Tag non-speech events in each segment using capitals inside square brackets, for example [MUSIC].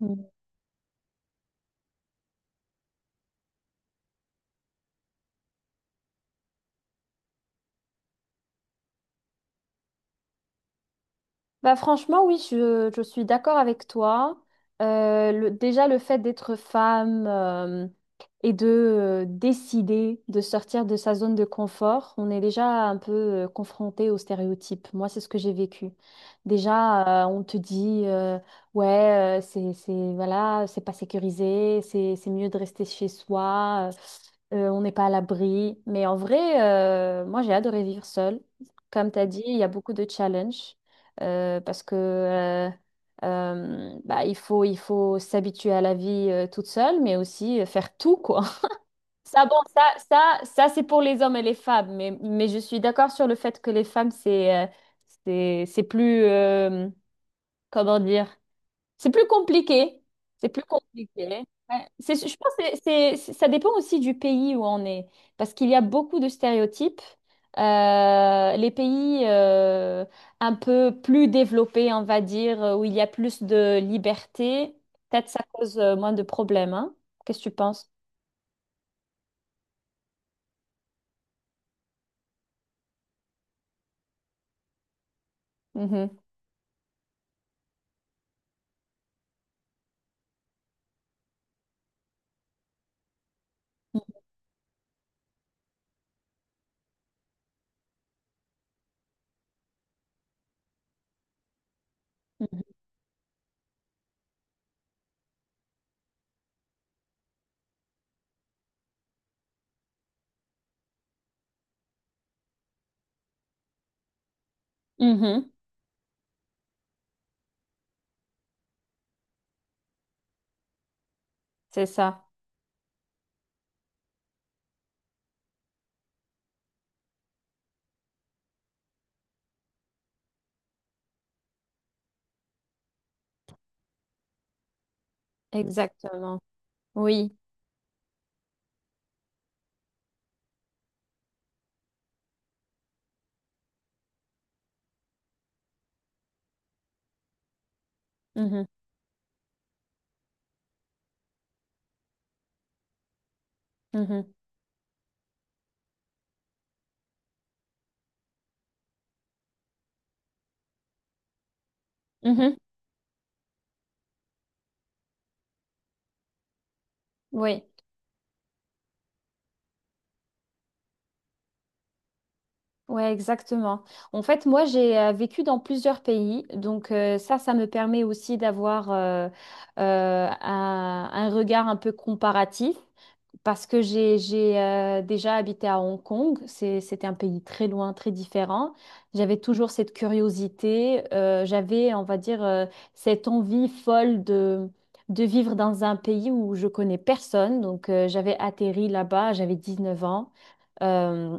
Mm. Bah franchement, oui, je suis d'accord avec toi. Déjà, le fait d'être femme et de décider de sortir de sa zone de confort, on est déjà un peu confronté aux stéréotypes. Moi, c'est ce que j'ai vécu. Déjà, on te dit, ouais, voilà, c'est pas sécurisé, c'est mieux de rester chez soi, on n'est pas à l'abri. Mais en vrai, moi, j'ai adoré vivre seule. Comme tu as dit, il y a beaucoup de challenges, parce que bah, il faut s'habituer à la vie toute seule, mais aussi faire tout, quoi. [LAUGHS] Ça, bon, ça, c'est pour les hommes et les femmes, mais je suis d'accord sur le fait que les femmes, c'est plus, comment dire? C'est plus compliqué. C'est plus compliqué. Ouais. C'est, je pense que ça dépend aussi du pays où on est, parce qu'il y a beaucoup de stéréotypes. Les pays un peu plus développés, on va dire, où il y a plus de liberté, peut-être ça cause moins de problèmes, hein. Qu'est-ce que tu penses? Mhm. Mhm. Mhm. C'est ça, exactement. Oui. Mhm. Mhm. Mhm. Oui. Ouais, exactement. En fait, moi, j'ai vécu dans plusieurs pays, donc ça, ça me permet aussi d'avoir un regard un peu comparatif, parce que j'ai déjà habité à Hong Kong. C'est, c'était un pays très loin, très différent. J'avais toujours cette curiosité, j'avais, on va dire, cette envie folle de vivre dans un pays où je connais personne. Donc, j'avais atterri là-bas, j'avais 19 ans. euh,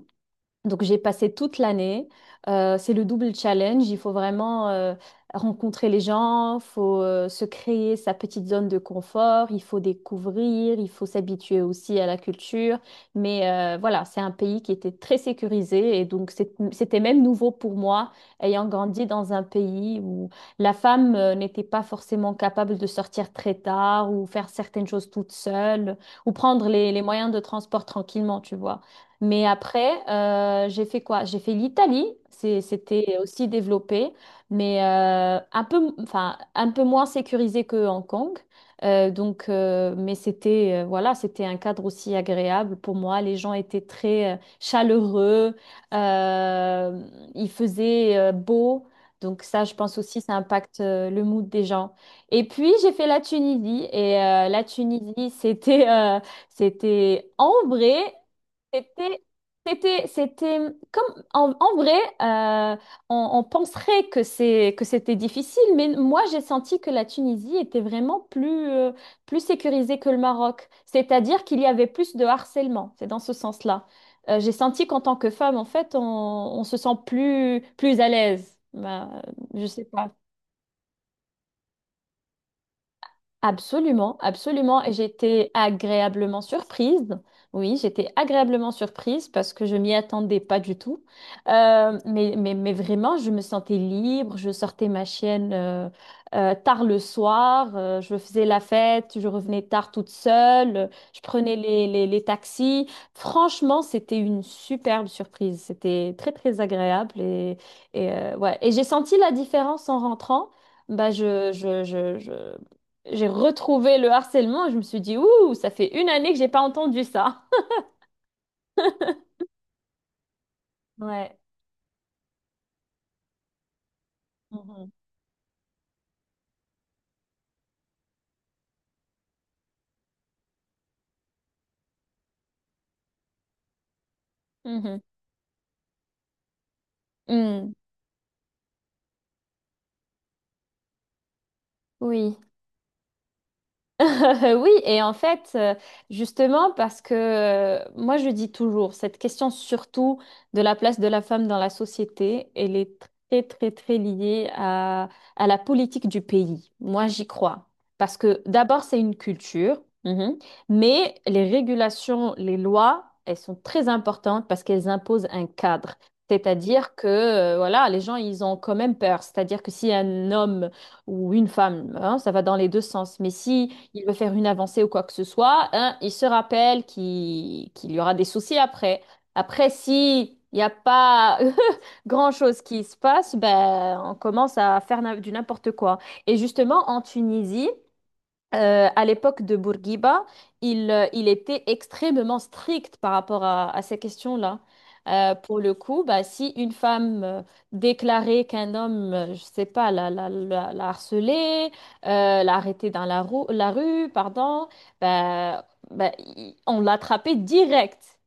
donc j'ai passé toute l'année. C'est le double challenge. Il faut vraiment rencontrer les gens, il faut se créer sa petite zone de confort, il faut découvrir, il faut s'habituer aussi à la culture. Mais voilà, c'est un pays qui était très sécurisé et donc c'était même nouveau pour moi, ayant grandi dans un pays où la femme n'était pas forcément capable de sortir très tard ou faire certaines choses toute seule ou prendre les moyens de transport tranquillement, tu vois. Mais après, j'ai fait quoi? J'ai fait l'Italie. C'était aussi développé, mais un peu, enfin, un peu moins sécurisé que Hong Kong. Mais c'était, voilà, c'était un cadre aussi agréable pour moi. Les gens étaient très chaleureux. Euh, il faisait beau. Donc ça, je pense aussi, ça impacte le mood des gens. Et puis, j'ai fait la Tunisie. Et la Tunisie, [LAUGHS] c'était c'était ambré. C'était, C'était comme en vrai, euh, on penserait que c'était difficile, mais moi j'ai senti que la Tunisie était vraiment plus sécurisée que le Maroc. C'est-à-dire qu'il y avait plus de harcèlement. C'est dans ce sens-là. J'ai senti qu'en tant que femme, en fait, on se sent plus à l'aise. Bah, je sais pas. Absolument, absolument. Et j'étais agréablement surprise. Oui, j'étais agréablement surprise parce que je m'y attendais pas du tout. Mais vraiment, je me sentais libre. Je sortais ma chienne tard le soir. Je faisais la fête. Je revenais tard toute seule. Je prenais les taxis. Franchement, c'était une superbe surprise. C'était très, très agréable. Ouais. Et j'ai senti la différence en rentrant. Bah, j'ai retrouvé le harcèlement, je me suis dit, ouh, ça fait une année que j'ai pas entendu ça. Ouais. Mhm. Mhm. Mm. Oui. [LAUGHS] Oui, et en fait, justement, parce que moi, je dis toujours, cette question surtout de la place de la femme dans la société, elle est très, très, très liée à la politique du pays. Moi, j'y crois. Parce que d'abord, c'est une culture, mhm, mais les régulations, les lois, elles sont très importantes parce qu'elles imposent un cadre. C'est-à-dire que, voilà, les gens, ils ont quand même peur. C'est-à-dire que si un homme ou une femme, hein, ça va dans les deux sens, mais si il veut faire une avancée ou quoi que ce soit, hein, il se rappelle qu'il y aura des soucis après. Après, si il n'y a pas [LAUGHS] grand-chose qui se passe, ben, on commence à faire du n'importe quoi. Et justement, en Tunisie, à l'époque de Bourguiba, il était extrêmement strict par rapport à ces questions-là. Pour le coup, bah, si une femme déclarait qu'un homme, je sais pas, la harcelait, l'a arrêtée dans la rue, pardon, on l'attrapait direct.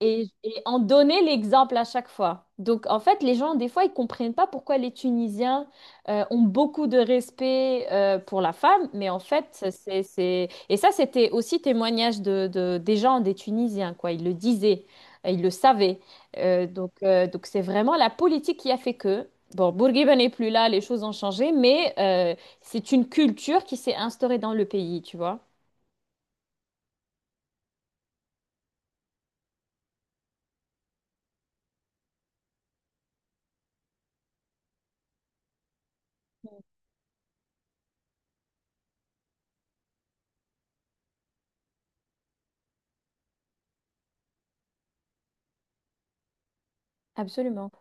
Et on donnait l'exemple à chaque fois. Donc, en fait, les gens, des fois, ils comprennent pas pourquoi les Tunisiens ont beaucoup de respect pour la femme, mais en fait, c'est... Et ça, c'était aussi témoignage de, des gens, des Tunisiens, quoi. Ils le disaient, ils le savaient. Donc c'est vraiment la politique qui a fait que... Bon, Bourguiba n'est plus là, les choses ont changé, mais c'est une culture qui s'est instaurée dans le pays, tu vois. Absolument,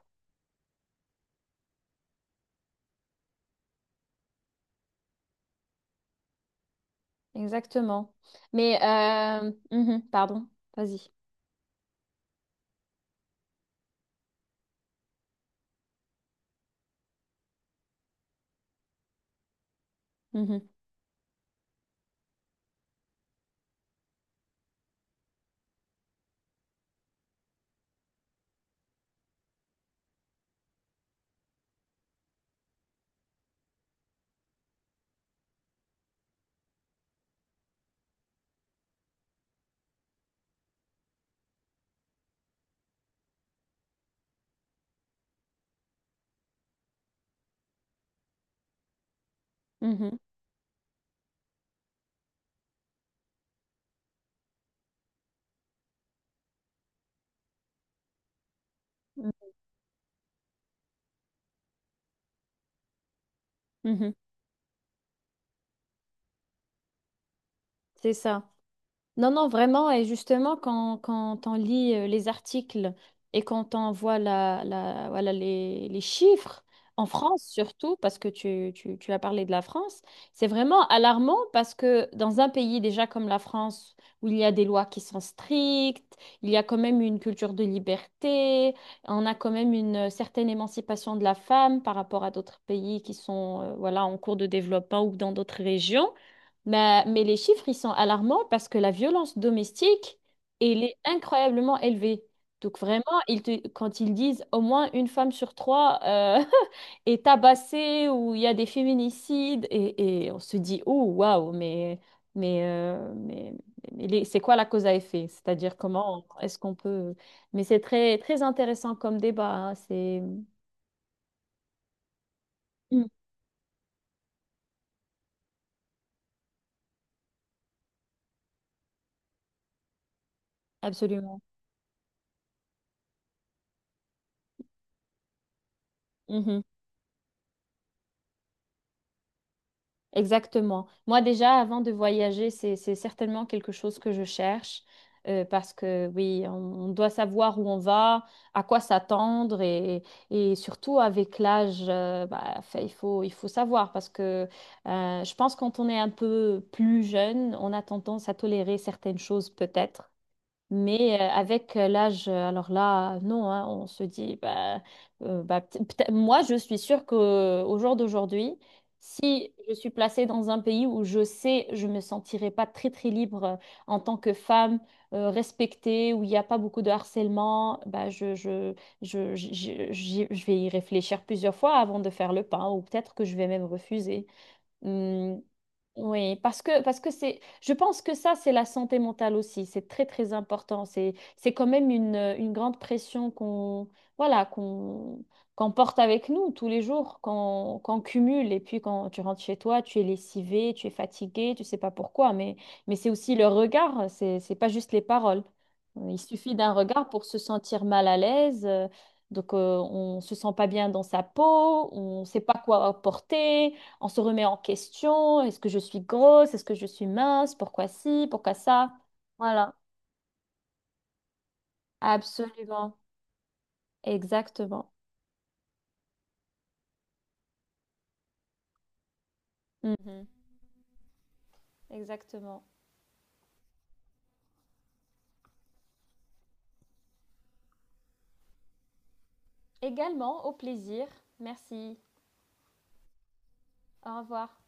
exactement. Mais, mhm, pardon, vas-y. Mhm, mhm, mhm, mhm. C'est ça. Non, non, vraiment. Et justement, quand on lit les articles et quand on voit voilà, les chiffres, en France surtout, parce que tu as parlé de la France, c'est vraiment alarmant parce que dans un pays déjà comme la France, où il y a des lois qui sont strictes, il y a quand même une culture de liberté, on a quand même une certaine émancipation de la femme par rapport à d'autres pays qui sont voilà, en cours de développement ou dans d'autres régions. Mais les chiffres, ils sont alarmants parce que la violence domestique, elle est incroyablement élevée. Donc vraiment, quand ils disent au moins une femme sur trois [LAUGHS] est tabassée ou il y a des féminicides, et on se dit, oh, waouh, mais, euh, mais, mais c'est quoi la cause à effet? C'est-à-dire comment est-ce qu'on peut... Mais c'est très, très intéressant comme débat, hein, c'est... Mm. Absolument. Mhm. Exactement. Moi, déjà, avant de voyager, c'est certainement quelque chose que je cherche parce que, oui, on doit savoir où on va, à quoi s'attendre et surtout avec l'âge, fait, il faut savoir parce que je pense quand on est un peu plus jeune, on a tendance à tolérer certaines choses peut-être. Mais avec l'âge, alors là, non, hein, on se dit, bah, peut-être, moi, je suis sûre que au jour d'aujourd'hui, si je suis placée dans un pays où je sais, je me sentirai pas très très libre en tant que femme respectée, où il n'y a pas beaucoup de harcèlement, bah, je vais y réfléchir plusieurs fois avant de faire le pas, ou peut-être que je vais même refuser. Mmh. Oui, parce que c'est, je pense que ça, c'est la santé mentale aussi. C'est très très important. C'est quand même une grande pression qu'on qu'on porte avec nous tous les jours, qu'on cumule. Et puis quand tu rentres chez toi, tu es lessivé, tu es fatigué, tu sais pas pourquoi. Mais c'est aussi le regard. C'est pas juste les paroles. Il suffit d'un regard pour se sentir mal à l'aise. Donc, on se sent pas bien dans sa peau, on sait pas quoi porter. On se remet en question. Est-ce que je suis grosse? Est-ce que je suis mince? Pourquoi ci? Pourquoi ça? Voilà. Absolument. Exactement. Mhm. Exactement. Également, au plaisir. Merci. Au revoir.